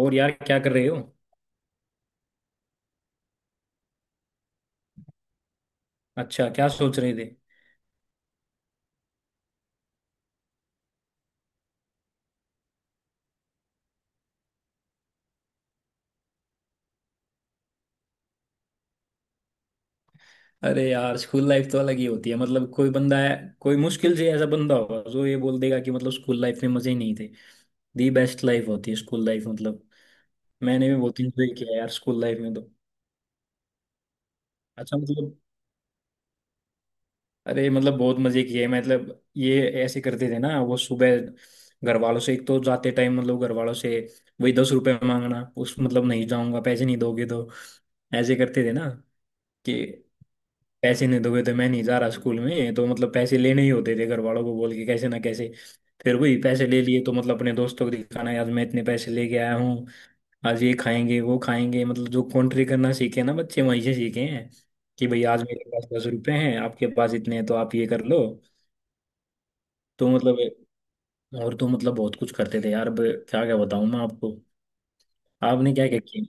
और यार क्या कर रहे हो। अच्छा क्या सोच रहे थे। अरे यार स्कूल लाइफ तो अलग ही होती है। मतलब कोई बंदा है, कोई मुश्किल से ऐसा बंदा होगा जो ये बोल देगा कि मतलब स्कूल लाइफ में मजे ही नहीं थे। दी बेस्ट लाइफ होती है स्कूल लाइफ, मतलब मैंने भी बहुत इंजॉय किया है यार स्कूल लाइफ में तो। अच्छा मतलब, अरे मतलब बहुत मजे किए। मतलब ये ऐसे करते थे ना, वो सुबह घर वालों से, एक तो जाते टाइम मतलब घर वालों से वही 10 रुपए मांगना। उस मतलब नहीं जाऊंगा, पैसे नहीं दोगे तो। ऐसे करते थे ना कि पैसे नहीं दोगे तो मैं नहीं जा रहा स्कूल में। तो मतलब पैसे लेने ही होते थे घर वालों को बोल के, कैसे ना कैसे। फिर वही पैसे ले लिए तो मतलब अपने दोस्तों को दिखाना, यार मैं इतने पैसे लेके आया हूँ, आज ये खाएंगे वो खाएंगे। मतलब जो कॉन्ट्री करना सीखे ना बच्चे, वहीं से सीखे हैं कि भाई आज मेरे पास 10 रुपए हैं, आपके पास इतने हैं, तो आप ये कर लो। तो मतलब और तो मतलब बहुत कुछ करते थे यार। अब क्या क्या बताऊं मैं आपको, आपने क्या क्या किया।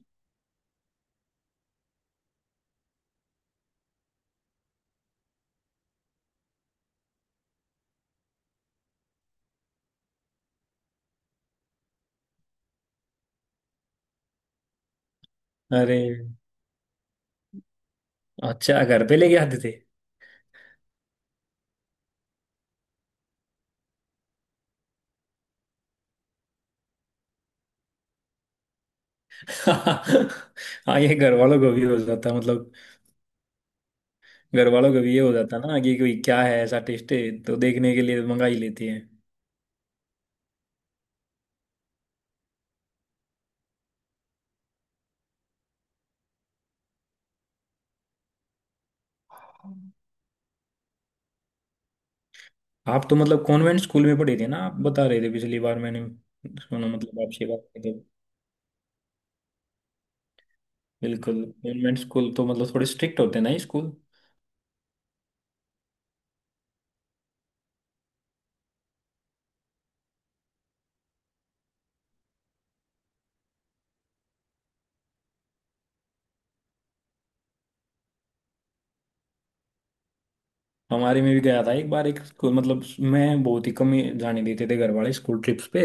अरे, अच्छा घर पे लेके आते थे। हाँ, ये घर वालों को भी हो जाता है मतलब। घर वालों को भी ये हो जाता ना कि कोई क्या है, ऐसा टेस्ट है तो देखने के लिए मंगा ही लेते हैं। आप तो मतलब कॉन्वेंट स्कूल में पढ़े थे ना, आप बता रहे थे पिछली बार, मैंने सुना, मतलब आपसे बात की थी। बिल्कुल कॉन्वेंट स्कूल तो मतलब थोड़े स्ट्रिक्ट होते हैं ना ये स्कूल। हमारे में भी गया था एक बार एक स्कूल, मतलब मैं, बहुत ही कम ही जाने देते थे घर वाले स्कूल ट्रिप्स पे।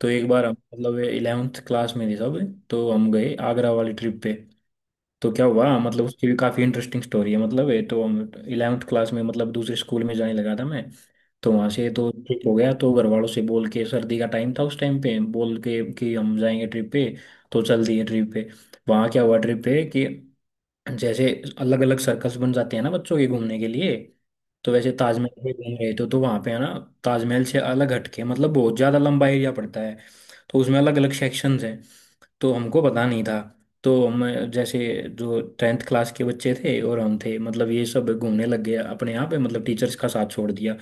तो एक बार हम मतलब इलेवेंथ क्लास में थे सब, तो हम गए आगरा वाली ट्रिप पे। तो क्या हुआ मतलब, उसकी भी काफ़ी इंटरेस्टिंग स्टोरी है। मतलब है तो हम इलेवेंथ क्लास में, मतलब दूसरे स्कूल में जाने लगा था मैं। तो वहां से तो ठीक हो गया। तो घर वालों से बोल के, सर्दी का टाइम था उस टाइम पे, बोल के कि हम जाएंगे ट्रिप पे। तो चल दिए ट्रिप पे। वहां क्या हुआ ट्रिप पे कि जैसे अलग अलग सर्कस बन जाते हैं ना बच्चों के घूमने के लिए, तो वैसे ताजमहल पे घूम रहे थे। तो वहां पे है ना, ताजमहल से अलग हटके मतलब बहुत ज्यादा लंबा एरिया पड़ता है, तो उसमें अलग अलग सेक्शंस हैं। तो हमको पता नहीं था, तो हम जैसे, जो टेंथ क्लास के बच्चे थे और हम थे, मतलब ये सब घूमने लग गए अपने यहाँ पे, मतलब टीचर्स का साथ छोड़ दिया।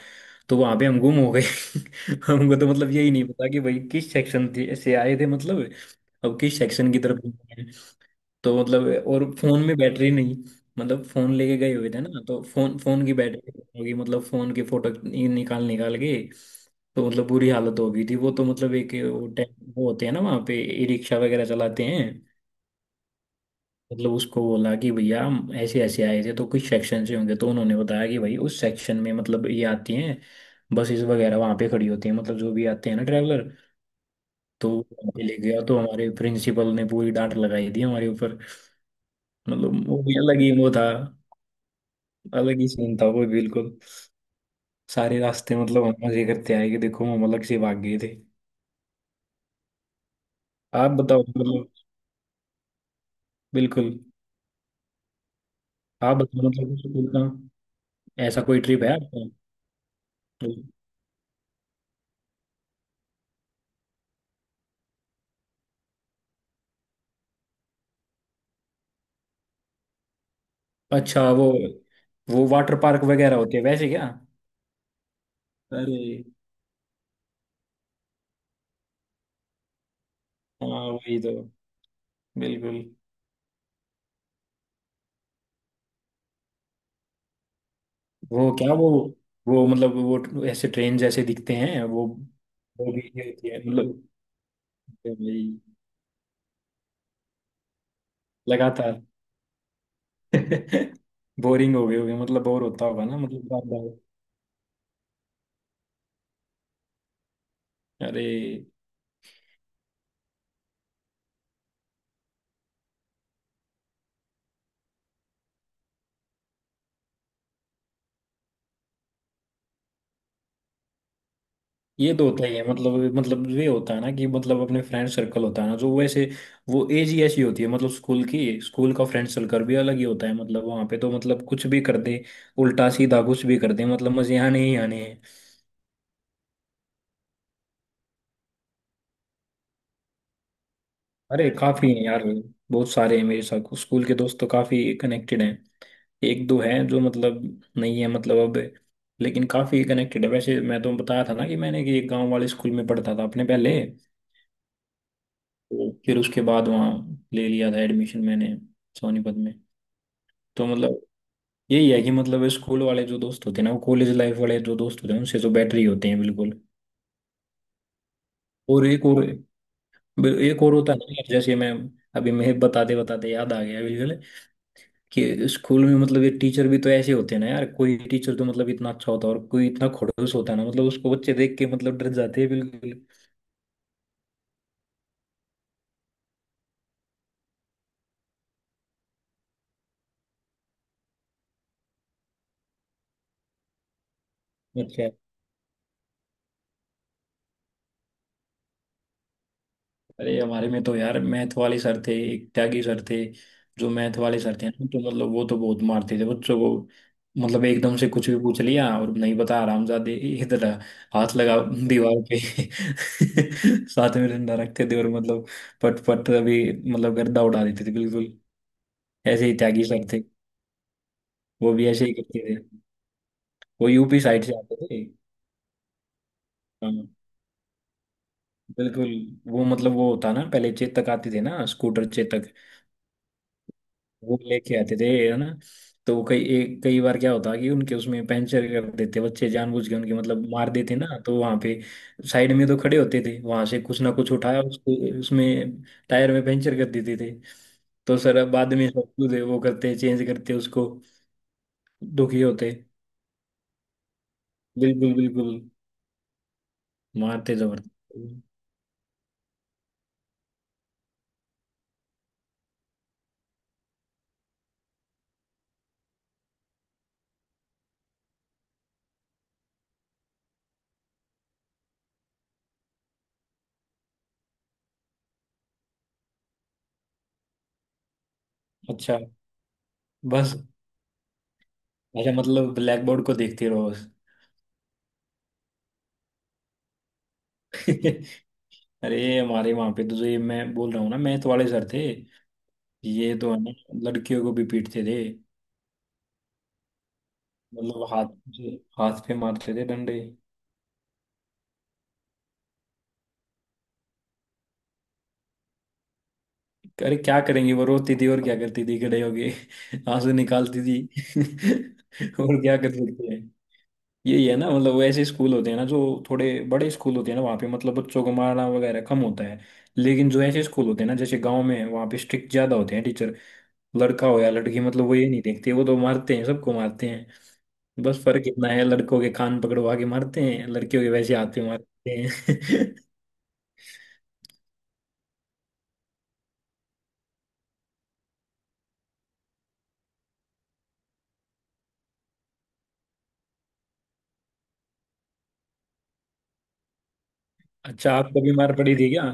तो वहाँ पे हम गुम हो गए। हमको तो मतलब यही नहीं पता कि भाई किस सेक्शन से आए थे, मतलब अब किस सेक्शन की तरफ। तो मतलब, और फोन में बैटरी नहीं, मतलब फोन लेके गए हुए थे ना, तो फोन फोन की बैटरी होगी मतलब, फोन के फोटो निकाल निकाल के। तो मतलब बुरी हालत हो गई थी। वो तो मतलब एक वो वो होते हैं ना वहाँ पे, ई रिक्शा वगैरह चलाते हैं, मतलब उसको बोला कि भैया हम ऐसे ऐसे आए थे, तो कुछ सेक्शन से होंगे, तो उन्होंने बताया कि भाई उस सेक्शन में मतलब ये आती हैं, बसेस वगैरह वहाँ पे खड़ी होती हैं, मतलब जो भी आते हैं ना ट्रैवलर। तो वो वहाँ पे ले गया, तो हमारे प्रिंसिपल ने पूरी डांट लगाई थी हमारे ऊपर। मतलब वो भी अलग ही वो था, अलग ही सीन था वो बिल्कुल। सारे रास्ते मतलब हम मजे करते आए कि देखो, हम अलग से भाग गए थे। आप बताओ मतलब, बिल्कुल, आप बताओ मतलब स्कूल का ऐसा कोई ट्रिप है आपका। तो अच्छा वो वाटर पार्क वगैरह होते हैं वैसे क्या। अरे हाँ वही तो, बिल्कुल। वो क्या, वो मतलब वो ऐसे ट्रेन जैसे दिखते हैं वो। वो भी ये होती है मतलब, भाई लगातार। बोरिंग हो गए होगे मतलब, बोर होता होगा ना मतलब, बार बार। अरे ये तो होता ही है मतलब, मतलब ये होता है ना कि मतलब अपने फ्रेंड सर्कल होता है ना, जो वैसे वो एज ही ऐसी होती है, मतलब स्कूल की, स्कूल का फ्रेंड सर्कल भी अलग ही होता है। मतलब वहाँ पे तो मतलब कुछ भी कर दे, उल्टा सीधा कुछ भी कर दे, मतलब मजे आने ही आने हैं। अरे काफी हैं यार, बहुत सारे हैं मेरे साथ स्कूल के दोस्त तो, काफी कनेक्टेड हैं। एक दो हैं जो मतलब नहीं है मतलब अब, लेकिन काफी कनेक्टेड है। वैसे मैं तो बताया था ना कि मैंने, कि एक गांव वाले स्कूल में पढ़ता था अपने पहले, तो फिर उसके बाद वहाँ ले लिया था एडमिशन मैंने सोनीपत में। तो मतलब यही है कि मतलब स्कूल वाले जो दोस्त होते हैं ना, वो कॉलेज लाइफ वाले जो दोस्त होते हैं उनसे तो बेटर ही होते हैं बिल्कुल। और एक और, एक और होता है ना, जैसे मैं अभी, मैं बताते बताते याद आ गया बिल्कुल, कि स्कूल में मतलब ये टीचर भी तो ऐसे होते हैं ना यार, कोई टीचर तो मतलब इतना अच्छा होता है, और कोई इतना खड़ूस होता है ना, मतलब उसको बच्चे देख के मतलब डर जाते हैं बिल्कुल। अच्छा, अरे हमारे में तो यार मैथ वाले सर थे, एक त्यागी सर थे। जो मैथ वाले सर थे ना, तो मतलब वो तो बहुत मारते थे बच्चों को। मतलब एकदम से कुछ भी पूछ लिया और नहीं बता, आरामजादे इधर हाथ लगा दीवार पे। साथ में डंडा रखते थे, और मतलब पट पट अभी, मतलब गर्दा उड़ा देते थे बिल्कुल। ऐसे ही त्यागी सर थे, वो भी ऐसे ही करते थे। वो यूपी साइड से आते थे। हाँ बिल्कुल, वो मतलब वो होता ना, पहले चेतक आते थे ना, स्कूटर चेतक, वो लेके आते थे है ना। तो वो कई, एक कई बार क्या होता कि उनके उसमें पंचर कर देते बच्चे, जानबूझ के उनके मतलब मार देते ना, तो वहां पे साइड में तो खड़े होते थे, वहां से कुछ ना कुछ उठाया उसको, उसमें टायर में पंचर कर देते थे। तो सर अब बाद में सब कुछ वो करते, चेंज करते उसको, दुखी होते बिल्कुल बिल्कुल, मारते जबरदस्त। अच्छा बस, अच्छा मतलब ब्लैक बोर्ड को देखते रहो बस। अरे हमारे वहां पे तो जो ये मैं बोल रहा हूँ ना मैथ वाले सर थे, ये तो है ना लड़कियों को भी पीटते थे। मतलब हाथ, हाथ पे मारते थे डंडे। अरे क्या करेंगी, वो रोती थी, और क्या करती थी खड़े होके। आंसू निकालती थी। और क्या कर सकते हैं। यही है ना, मतलब वो ऐसे स्कूल होते हैं ना जो थोड़े बड़े स्कूल होते हैं ना, वहाँ पे मतलब बच्चों को मारना वगैरह कम होता है। लेकिन जो ऐसे स्कूल होते हैं ना जैसे गांव में है, वहाँ पे स्ट्रिक्ट ज्यादा होते हैं टीचर। लड़का हो या लड़की, मतलब वो ये नहीं देखते, वो तो मारते हैं, सबको मारते हैं। बस फर्क इतना है, लड़कों के कान पकड़वा के मारते हैं, लड़कियों के वैसे हाथ पे मारते हैं। अच्छा आपको भी मार पड़ी थी क्या।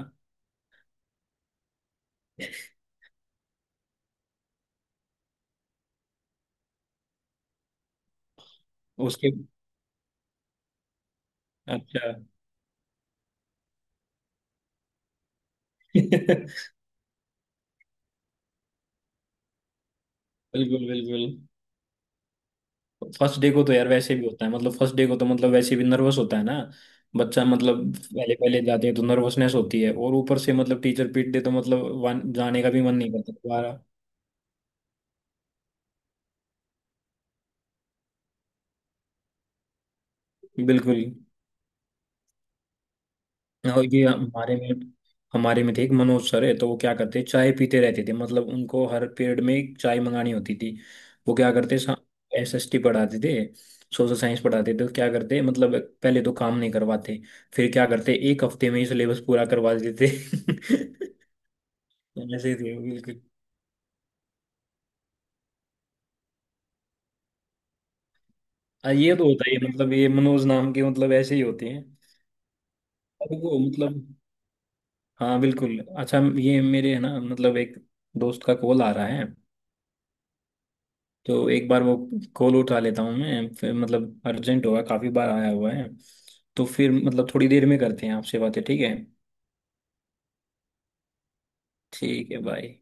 उसके, अच्छा। बिल्कुल बिल्कुल, फर्स्ट डे को तो यार वैसे भी होता है, मतलब फर्स्ट डे को तो मतलब वैसे भी नर्वस होता है ना बच्चा, मतलब पहले पहले जाते हैं तो नर्वसनेस होती है, और ऊपर से मतलब टीचर पीट दे तो मतलब जाने का भी मन नहीं करता दोबारा। बिल्कुल। और ये हमारे में, हमारे में थे एक मनोज सर है, तो वो क्या करते, चाय पीते रहते थे, मतलब उनको हर पीरियड में एक चाय मंगानी होती थी। वो क्या करते, SST पढ़ाते थे, सोशल साइंस पढ़ाते थे। तो क्या करते मतलब, पहले तो काम नहीं करवाते, फिर क्या करते, एक हफ्ते में ही सिलेबस पूरा करवा देते। ऐसे ही थी वो, बिल्कुल। हाँ, ये तो होता ही है मतलब, ये मनोज नाम के मतलब ऐसे ही होते हैं सबको, मतलब हाँ बिल्कुल। अच्छा ये मेरे है ना मतलब एक दोस्त का कॉल आ रहा है, तो एक बार वो कॉल उठा लेता हूँ मैं, फिर मतलब अर्जेंट होगा, काफी बार आया हुआ है। तो फिर मतलब थोड़ी देर में करते हैं आपसे बातें, ठीक है। ठीक है, बाय।